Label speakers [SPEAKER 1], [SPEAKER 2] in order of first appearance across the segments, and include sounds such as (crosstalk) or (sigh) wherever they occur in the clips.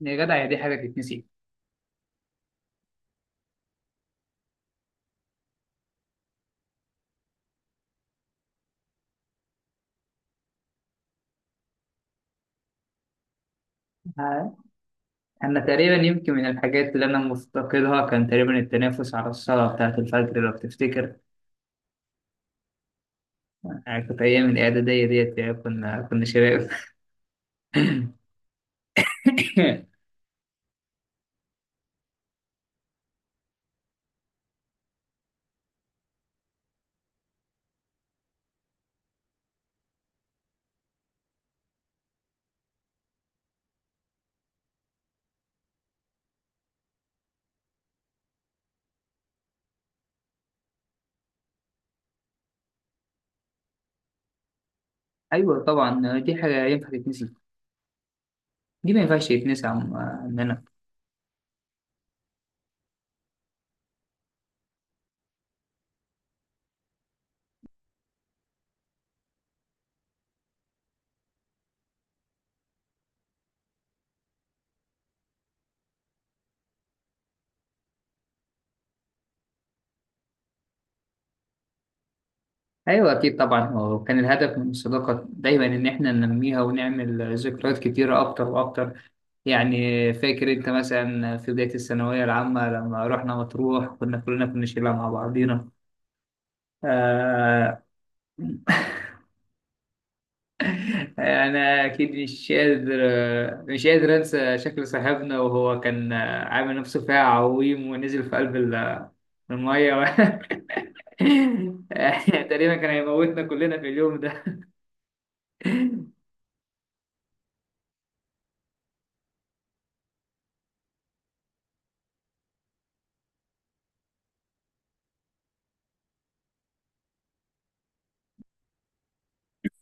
[SPEAKER 1] يا جدع، يا دي حاجة تتنسي؟ آه. أنا تقريبا يمكن من الحاجات اللي أنا مفتقدها كان تقريبا التنافس على الصلاة بتاعة الفجر لو تفتكر. كانت أيام الإعدادية ديت، كنا شباب. (coughs) (laughs) أيوه طبعا، دي حاجة ينفع تتنسي؟ دي ما ينفعش تتنسي عننا. أيوه أكيد طبعا، هو كان الهدف من الصداقة دايما إن إحنا ننميها ونعمل ذكريات كتيرة أكتر وأكتر. يعني فاكر أنت مثلا في بداية الثانوية العامة لما رحنا مطروح، كنا كلنا كنا شلة مع بعضينا. آه، (laughs) انا اكيد مش قادر، انسى شكل صاحبنا وهو كان عامل نفسه فيها عويم ونزل في قلب الميه. و... (laughs) تقريبا كان هيموتنا كلنا في اليوم ده.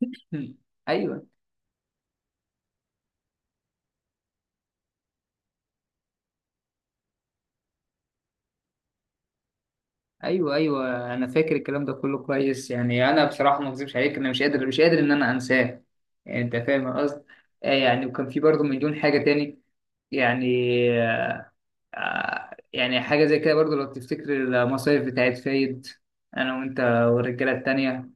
[SPEAKER 1] (laughs) ايوه ايوه ايوه، انا فاكر الكلام ده كله كويس. يعني انا بصراحه ما اكذبش عليك، انا مش قادر، ان انا انساه. يعني انت فاهم القصد. يعني وكان في برضه مليون حاجه تاني. يعني، يعني حاجة زي كده برضو لو تفتكر المصايف بتاعت فايد، أنا وأنت والرجالة التانية.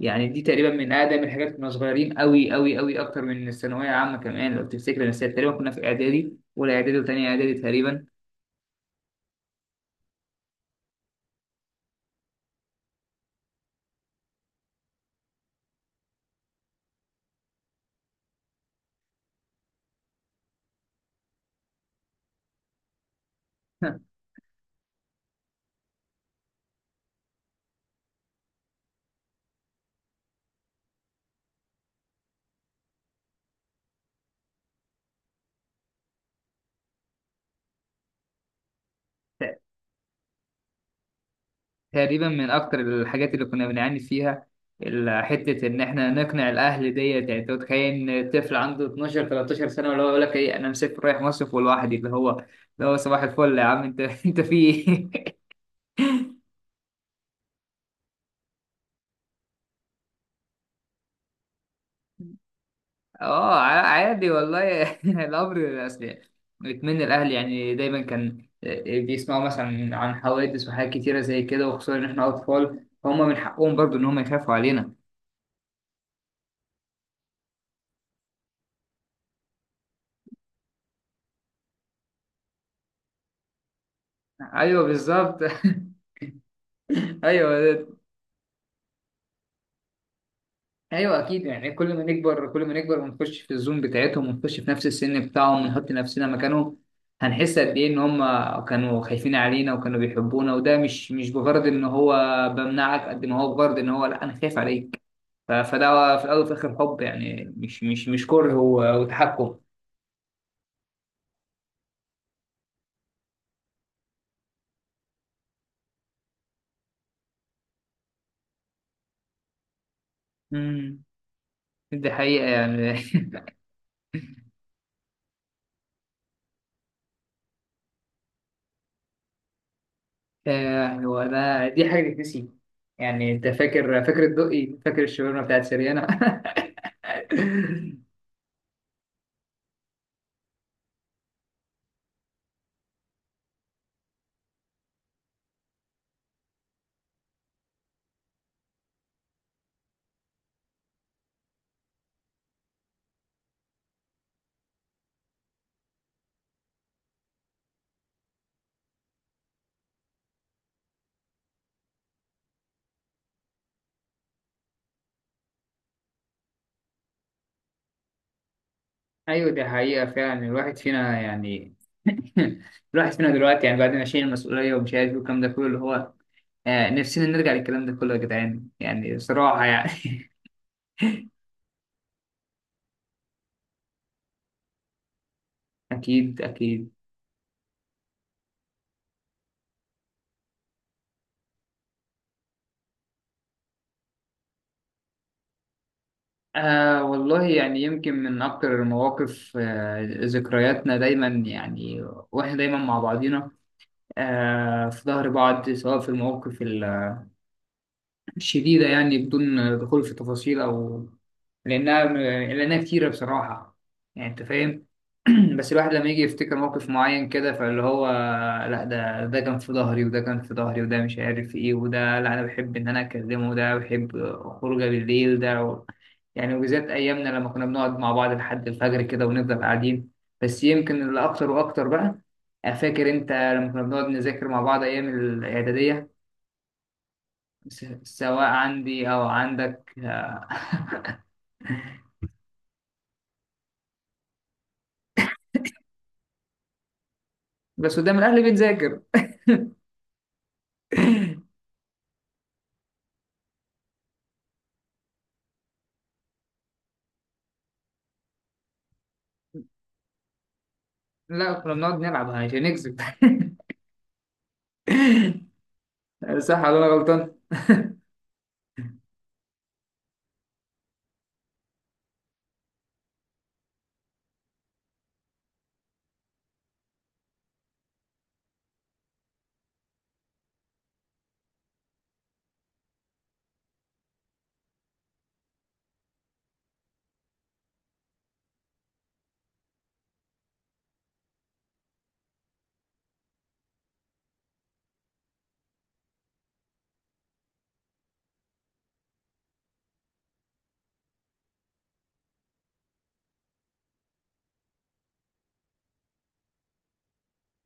[SPEAKER 1] يعني دي تقريبا من أقدم الحاجات، كنا صغيرين أوي أوي أوي، أكتر من الثانوية عامة كمان لو تفتكر، بس تقريبا كنا في إعدادي أولى، إعدادي وتانية إعدادي تقريبا. (laughs) ت- تقريبا من أكتر الحاجات اللي كنا بنعاني فيها حتة إن إحنا نقنع الأهل ديت. يعني أنت متخيل إن طفل عنده 12 13 سنة اللي هو يقول لك إيه، أنا مسافر رايح مصيف لوحدي؟ اللي هو صباح الفل يا عم. أنت (laughs) أنت في إيه؟ اه عادي والله. (laughs) الامر اصل اتمنى الاهلي، يعني دايما كان، بيسمعوا مثلا عن حوادث وحاجات كتيره زي كده، وخصوصا ان احنا اطفال، فهم من حقهم برضو ان هم يخافوا علينا. ايوه بالظبط. (laughs) ايوه ايوه اكيد. يعني كل ما نكبر كل ما نكبر ونخش في الزوم بتاعتهم ونخش في نفس السن بتاعهم ونحط نفسنا مكانهم، هنحس قد ايه ان هم كانوا خايفين علينا وكانوا بيحبونا. وده مش بغرض ان هو بمنعك، قد ما هو بغرض ان هو لا، انا خايف عليك. فده في الأول وفي الآخر حب، يعني مش كره وتحكم. امم دي حقيقة يعني. (laughs) هو ده، دي حاجة تتنسي؟ يعني أنت فاكر الدقي، فاكر الشاورما بتاعت سريانا. (laughs) أيوة دي حقيقة فعلا. الواحد فينا يعني، (laughs) الواحد فينا دلوقتي يعني بعد ما شايل المسؤولية ومش عارف إيه والكلام ده كله، اللي هو نفسنا نرجع للكلام ده كله يا جدعان، يعني بصراحة يعني. (laughs) أكيد أكيد. والله يعني يمكن من أكتر المواقف، ذكرياتنا دايما يعني، وإحنا دايما مع بعضينا، في ظهر بعض، سواء في المواقف شديدة، يعني بدون دخول في تفاصيل، أو لأنها لأنها كتيرة بصراحة. يعني أنت فاهم. (clears throat) بس الواحد لما يجي يفتكر موقف معين كده، فاللي هو لا، ده كان في ظهري، وده كان في ظهري، وده مش عارف إيه، وده لا أنا بحب إن أنا أكلمه، وده بحب خروجه بالليل ده. يعني وبالذات أيامنا لما كنا بنقعد مع بعض لحد الفجر كده ونفضل قاعدين. بس يمكن اللي أكتر وأكتر بقى، فاكر أنت لما كنا بنقعد نذاكر مع بعض أيام الإعدادية؟ سواء عندي او عندك. (laughs) بس قدام الاهل بنذاكر. (laughs) لا، كنا بنقعد نلعب عشان نكسب. (laughs) صح ولا انا غلطان؟ (laughs)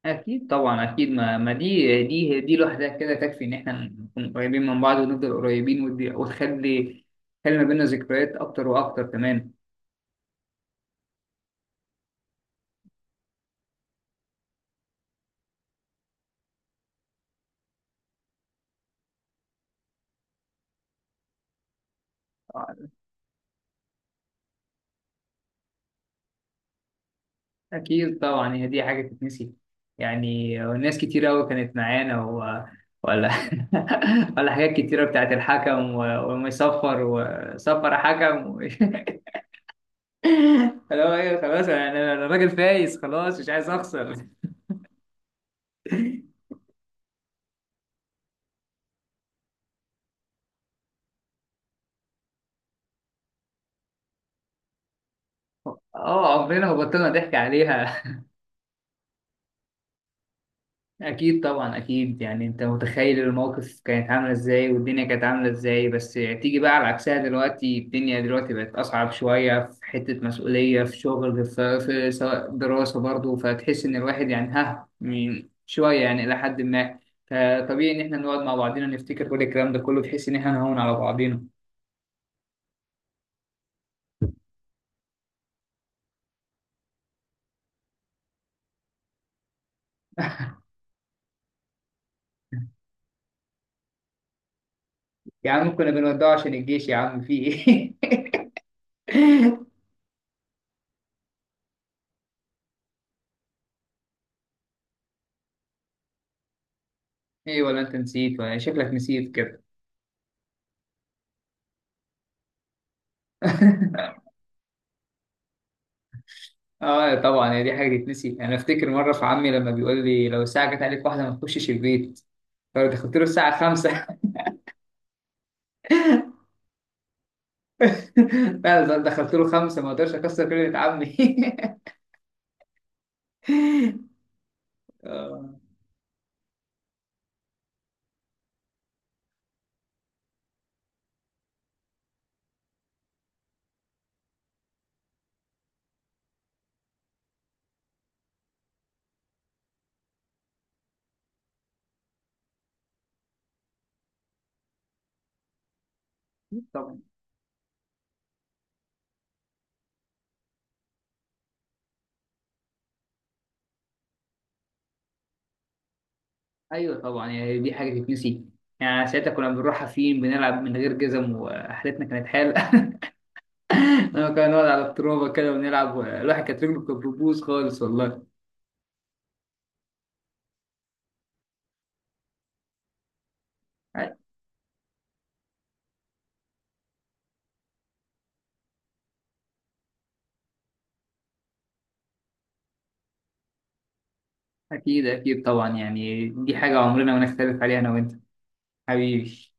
[SPEAKER 1] اكيد طبعا، اكيد ما دي لوحدها كده تكفي ان احنا نكون قريبين من بعض ونفضل قريبين. ودي وتخلي ما بيننا ذكريات اكتر واكتر كمان. أكيد طبعا، هي دي حاجة تتنسي؟ يعني ناس كتير أوي كانت معانا، و... ولا (laughs) ولا حاجات كتيرة بتاعت الحكم، و... ومصفر وصفر حكم. و... (laughs) اللي هو إيه، خلاص، يعني أنا راجل فايز خلاص مش عايز أخسر. (laughs) أه عمرنا ما بطلنا ضحك عليها. أكيد طبعا أكيد. يعني أنت متخيل الموقف كانت عاملة إزاي، والدنيا كانت عاملة إزاي، بس تيجي بقى على عكسها دلوقتي. الدنيا دلوقتي بقت أصعب شوية، في حتة مسؤولية، في شغل، في سواء دراسة برضه، فتحس إن الواحد يعني ها من شوية يعني إلى حد ما. فطبيعي إن إحنا نقعد مع بعضينا نفتكر كل الكلام ده كله، بحيث إن إحنا نهون على بعضينا. يا عم، كنا بنودعه عشان الجيش يا عم في إيه! (laughs) إيه، ولا أنت نسيت، ولا شكلك نسيت كده؟ (laughs) اه طبعا، هي دي حاجه تتنسي؟ انا افتكر مره في عمي لما بيقول لي لو الساعه جت عليك واحده ما تخشش البيت، فدخلت له الساعه 5. (laughs) فعلا دخلت له 5، ما اقدرش اكسر كلمه عمي. (laughs) آه، طبعا، ايوه طبعا، يعني دي حاجه تتنسي؟ يعني ساعتها كنا بنروح حافيين بنلعب من غير جزم، وحالتنا كانت حاله. (laughs) لما كنا نقعد على الترابه كده ونلعب، الواحد كانت رجله كانت بتبوظ خالص والله. أ- اكيد اكيد طبعا، يعني دي حاجه عمرنا ما نختلف عليها انا وانت حبيبي.